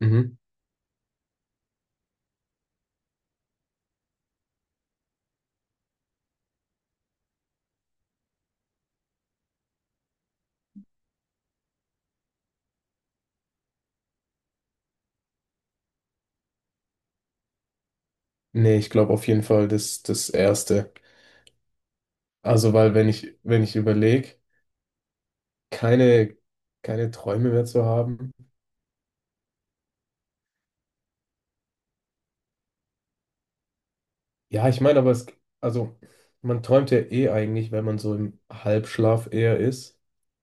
Mhm. Nee, ich glaube auf jeden Fall das, das Erste. Also, weil wenn ich überlege, keine, keine Träume mehr zu haben. Ja, ich meine, also, man träumt ja eh eigentlich, wenn man so im Halbschlaf eher ist.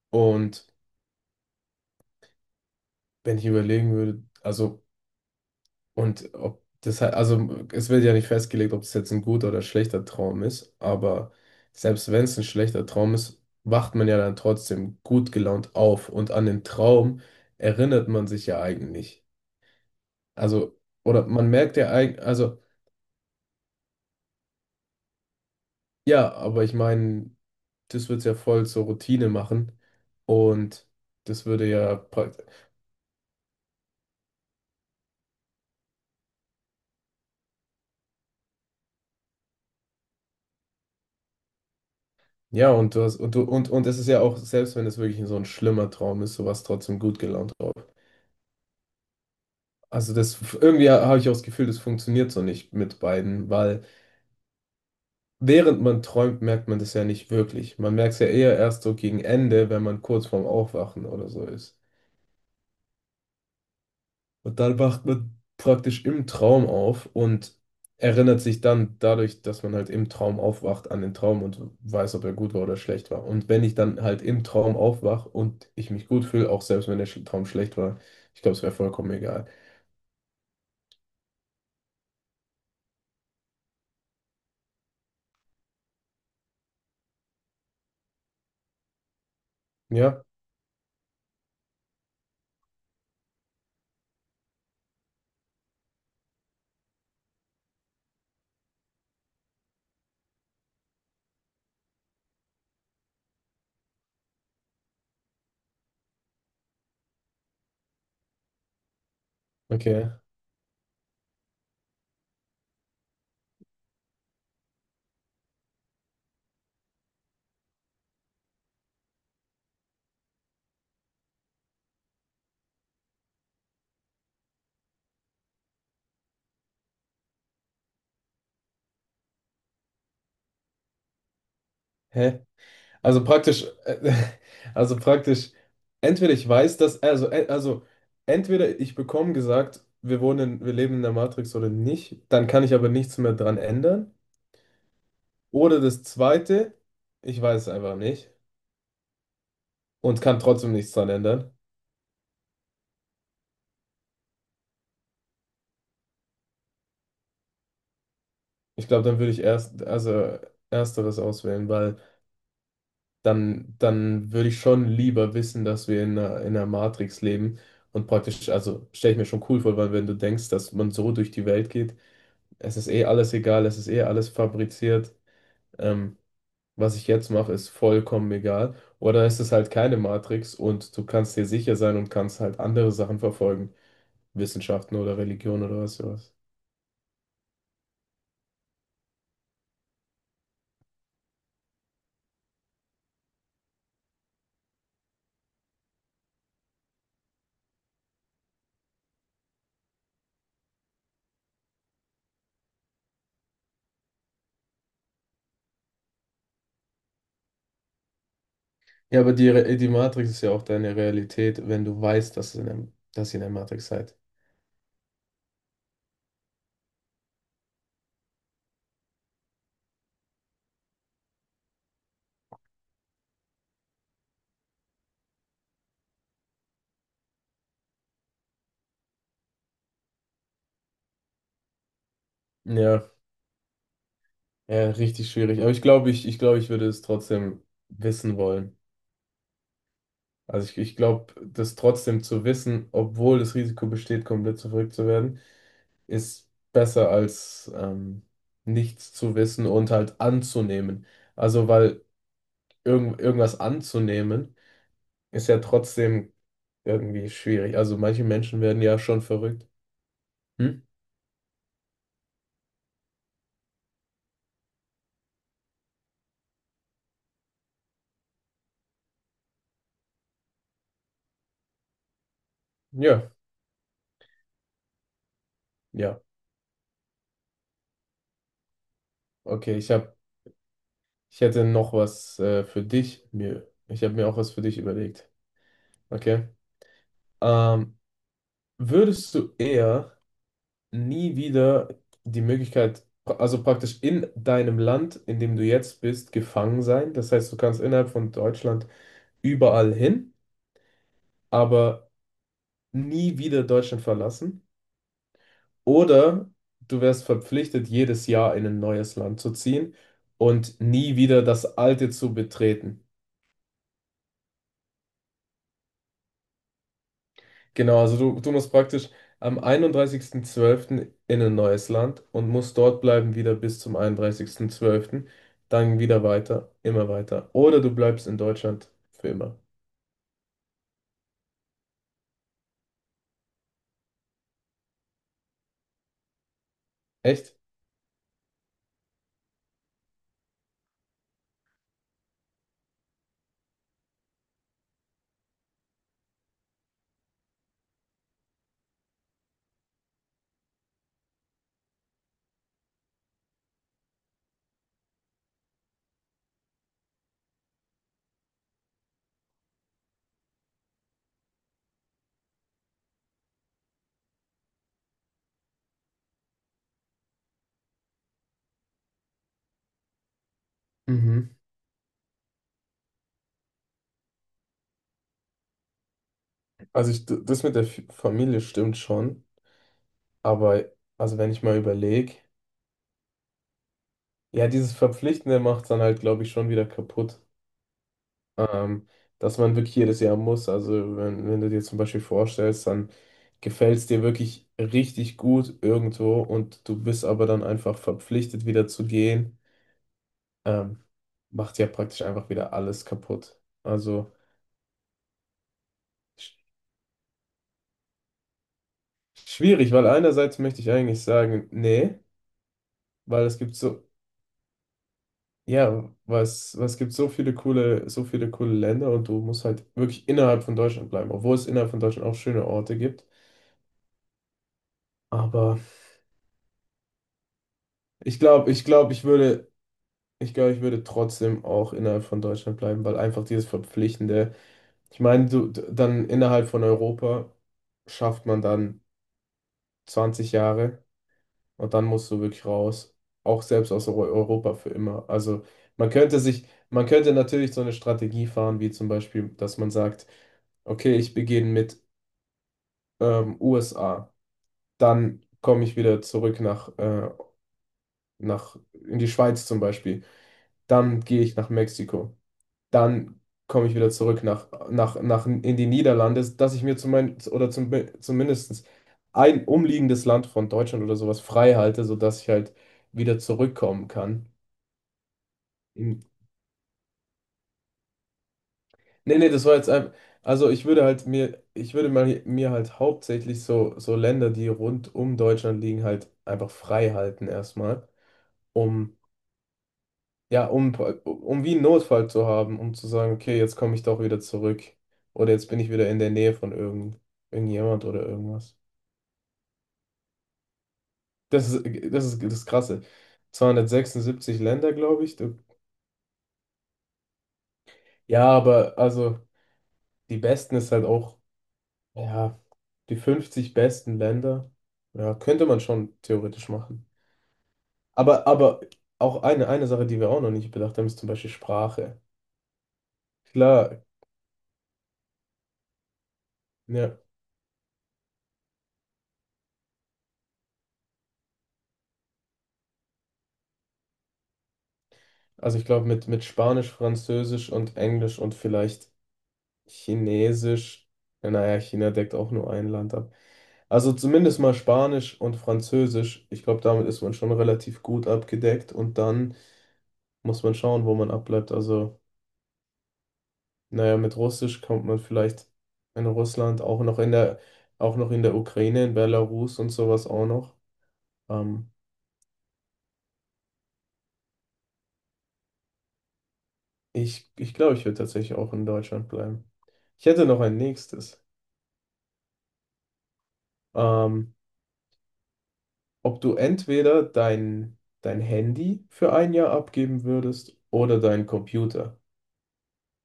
Und wenn ich überlegen würde, also. Und ob das halt, also es wird ja nicht festgelegt, ob es jetzt ein guter oder schlechter Traum ist, aber selbst wenn es ein schlechter Traum ist, wacht man ja dann trotzdem gut gelaunt auf und an den Traum erinnert man sich ja eigentlich. Also, oder man merkt ja eigentlich, also ja, aber ich meine, das wird es ja voll zur Routine machen und das würde ja praktisch. Ja, und du hast, und es ist ja auch, selbst wenn es wirklich so ein schlimmer Traum ist, sowas trotzdem gut gelaunt auf. Also das irgendwie, habe ich auch das Gefühl, das funktioniert so nicht mit beiden, weil während man träumt, merkt man das ja nicht wirklich. Man merkt es ja eher erst so gegen Ende, wenn man kurz vorm Aufwachen oder so ist. Und dann wacht man praktisch im Traum auf und erinnert sich dann dadurch, dass man halt im Traum aufwacht, an den Traum und weiß, ob er gut war oder schlecht war. Und wenn ich dann halt im Traum aufwache und ich mich gut fühle, auch selbst wenn der Traum schlecht war, ich glaube, es wäre vollkommen egal. Ja, okay. Hä? Also praktisch, also praktisch, entweder ich weiß, also entweder ich bekomme gesagt, wir leben in der Matrix oder nicht, dann kann ich aber nichts mehr dran ändern. Oder das zweite, ich weiß es einfach nicht und kann trotzdem nichts dran ändern. Ich glaube, dann würde ich erst, also ersteres auswählen, weil dann würde ich schon lieber wissen, dass wir in einer Matrix leben und praktisch, also stelle ich mir schon cool vor, weil wenn du denkst, dass man so durch die Welt geht, es ist eh alles egal, es ist eh alles fabriziert, ähm, was ich jetzt mache, ist vollkommen egal. Oder ist es halt keine Matrix und du kannst dir sicher sein und kannst halt andere Sachen verfolgen, Wissenschaften oder Religion oder was sowas. Ja, aber die, die Matrix ist ja auch deine Realität, wenn du weißt, dass ihr in der Matrix seid. Ja, ja, richtig schwierig. Aber ich glaube, ich würde es trotzdem wissen wollen. Also ich glaube, das trotzdem zu wissen, obwohl das Risiko besteht, komplett verrückt zu werden, ist besser als nichts zu wissen und halt anzunehmen. Also weil irgendwas anzunehmen, ist ja trotzdem irgendwie schwierig. Also manche Menschen werden ja schon verrückt. Hm? Ja, ja. Okay, ich hätte noch was für dich. Ich habe mir auch was für dich überlegt. Okay. Ähm, würdest du eher nie wieder die Möglichkeit, also praktisch in deinem Land, in dem du jetzt bist, gefangen sein? Das heißt, du kannst innerhalb von Deutschland überall hin, aber nie wieder Deutschland verlassen. Oder du wärst verpflichtet, jedes Jahr in ein neues Land zu ziehen und nie wieder das alte zu betreten. Genau, also du musst praktisch am 31.12. in ein neues Land und musst dort bleiben wieder bis zum 31.12. Dann wieder weiter, immer weiter. Oder du bleibst in Deutschland für immer. Echt? Mhm. Also das mit der Familie stimmt schon, aber also wenn ich mal überlege, ja, dieses Verpflichtende macht es dann halt, glaube ich, schon wieder kaputt. ähm, dass man wirklich jedes Jahr muss. Also wenn du dir zum Beispiel vorstellst, dann gefällt es dir wirklich richtig gut irgendwo und du bist aber dann einfach verpflichtet, wieder zu gehen, ähm, macht ja praktisch einfach wieder alles kaputt. Also sch schwierig, weil einerseits möchte ich eigentlich sagen, nee, weil es gibt so, ja, was, was gibt so viele coole Länder und du musst halt wirklich innerhalb von Deutschland bleiben, obwohl es innerhalb von Deutschland auch schöne Orte gibt. Aber ich glaube, ich glaube, ich würde Ich glaube, ich würde trotzdem auch innerhalb von Deutschland bleiben, weil einfach dieses Verpflichtende, ich meine, du, d- dann innerhalb von Europa schafft man dann 20 Jahre und dann musst du wirklich raus, auch selbst aus Europa für immer. Also man könnte sich, man könnte natürlich so eine Strategie fahren, wie zum Beispiel, dass man sagt, okay, ich beginne mit USA, dann komme ich wieder zurück nach, in die Schweiz zum Beispiel, dann gehe ich nach Mexiko. Dann komme ich wieder zurück nach in die Niederlande, dass ich mir oder zumindest ein umliegendes Land von Deutschland oder sowas frei halte, sodass ich halt wieder zurückkommen kann. In- Nee, nee, das war jetzt einfach, also ich würde mal, mir halt hauptsächlich so, so Länder, die rund um Deutschland liegen, halt einfach frei halten erstmal, um. Ja, um wie einen Notfall zu haben, um zu sagen, okay, jetzt komme ich doch wieder zurück. Oder jetzt bin ich wieder in der Nähe von irgendjemand oder irgendwas. Das ist das Krasse. 276 Länder, glaube ich. Du- Ja, aber also die besten ist halt auch, ja, die 50 besten Länder. Ja, könnte man schon theoretisch machen. Aber auch eine Sache, die wir auch noch nicht bedacht haben, ist zum Beispiel Sprache. Klar, ja. Also ich glaube, mit Spanisch, Französisch und Englisch und vielleicht. Chinesisch, ja, naja, China deckt auch nur ein Land ab. Also zumindest mal Spanisch und Französisch. Ich glaube, damit ist man schon relativ gut abgedeckt und dann muss man schauen, wo man abbleibt. Also, naja, mit Russisch kommt man vielleicht in Russland, auch noch in der, auch noch in der Ukraine, in Belarus und sowas auch noch. Ähm, ich glaube, ich würde tatsächlich auch in Deutschland bleiben. Ich hätte noch ein nächstes. Ähm, ob du entweder dein Handy für ein Jahr abgeben würdest oder deinen Computer.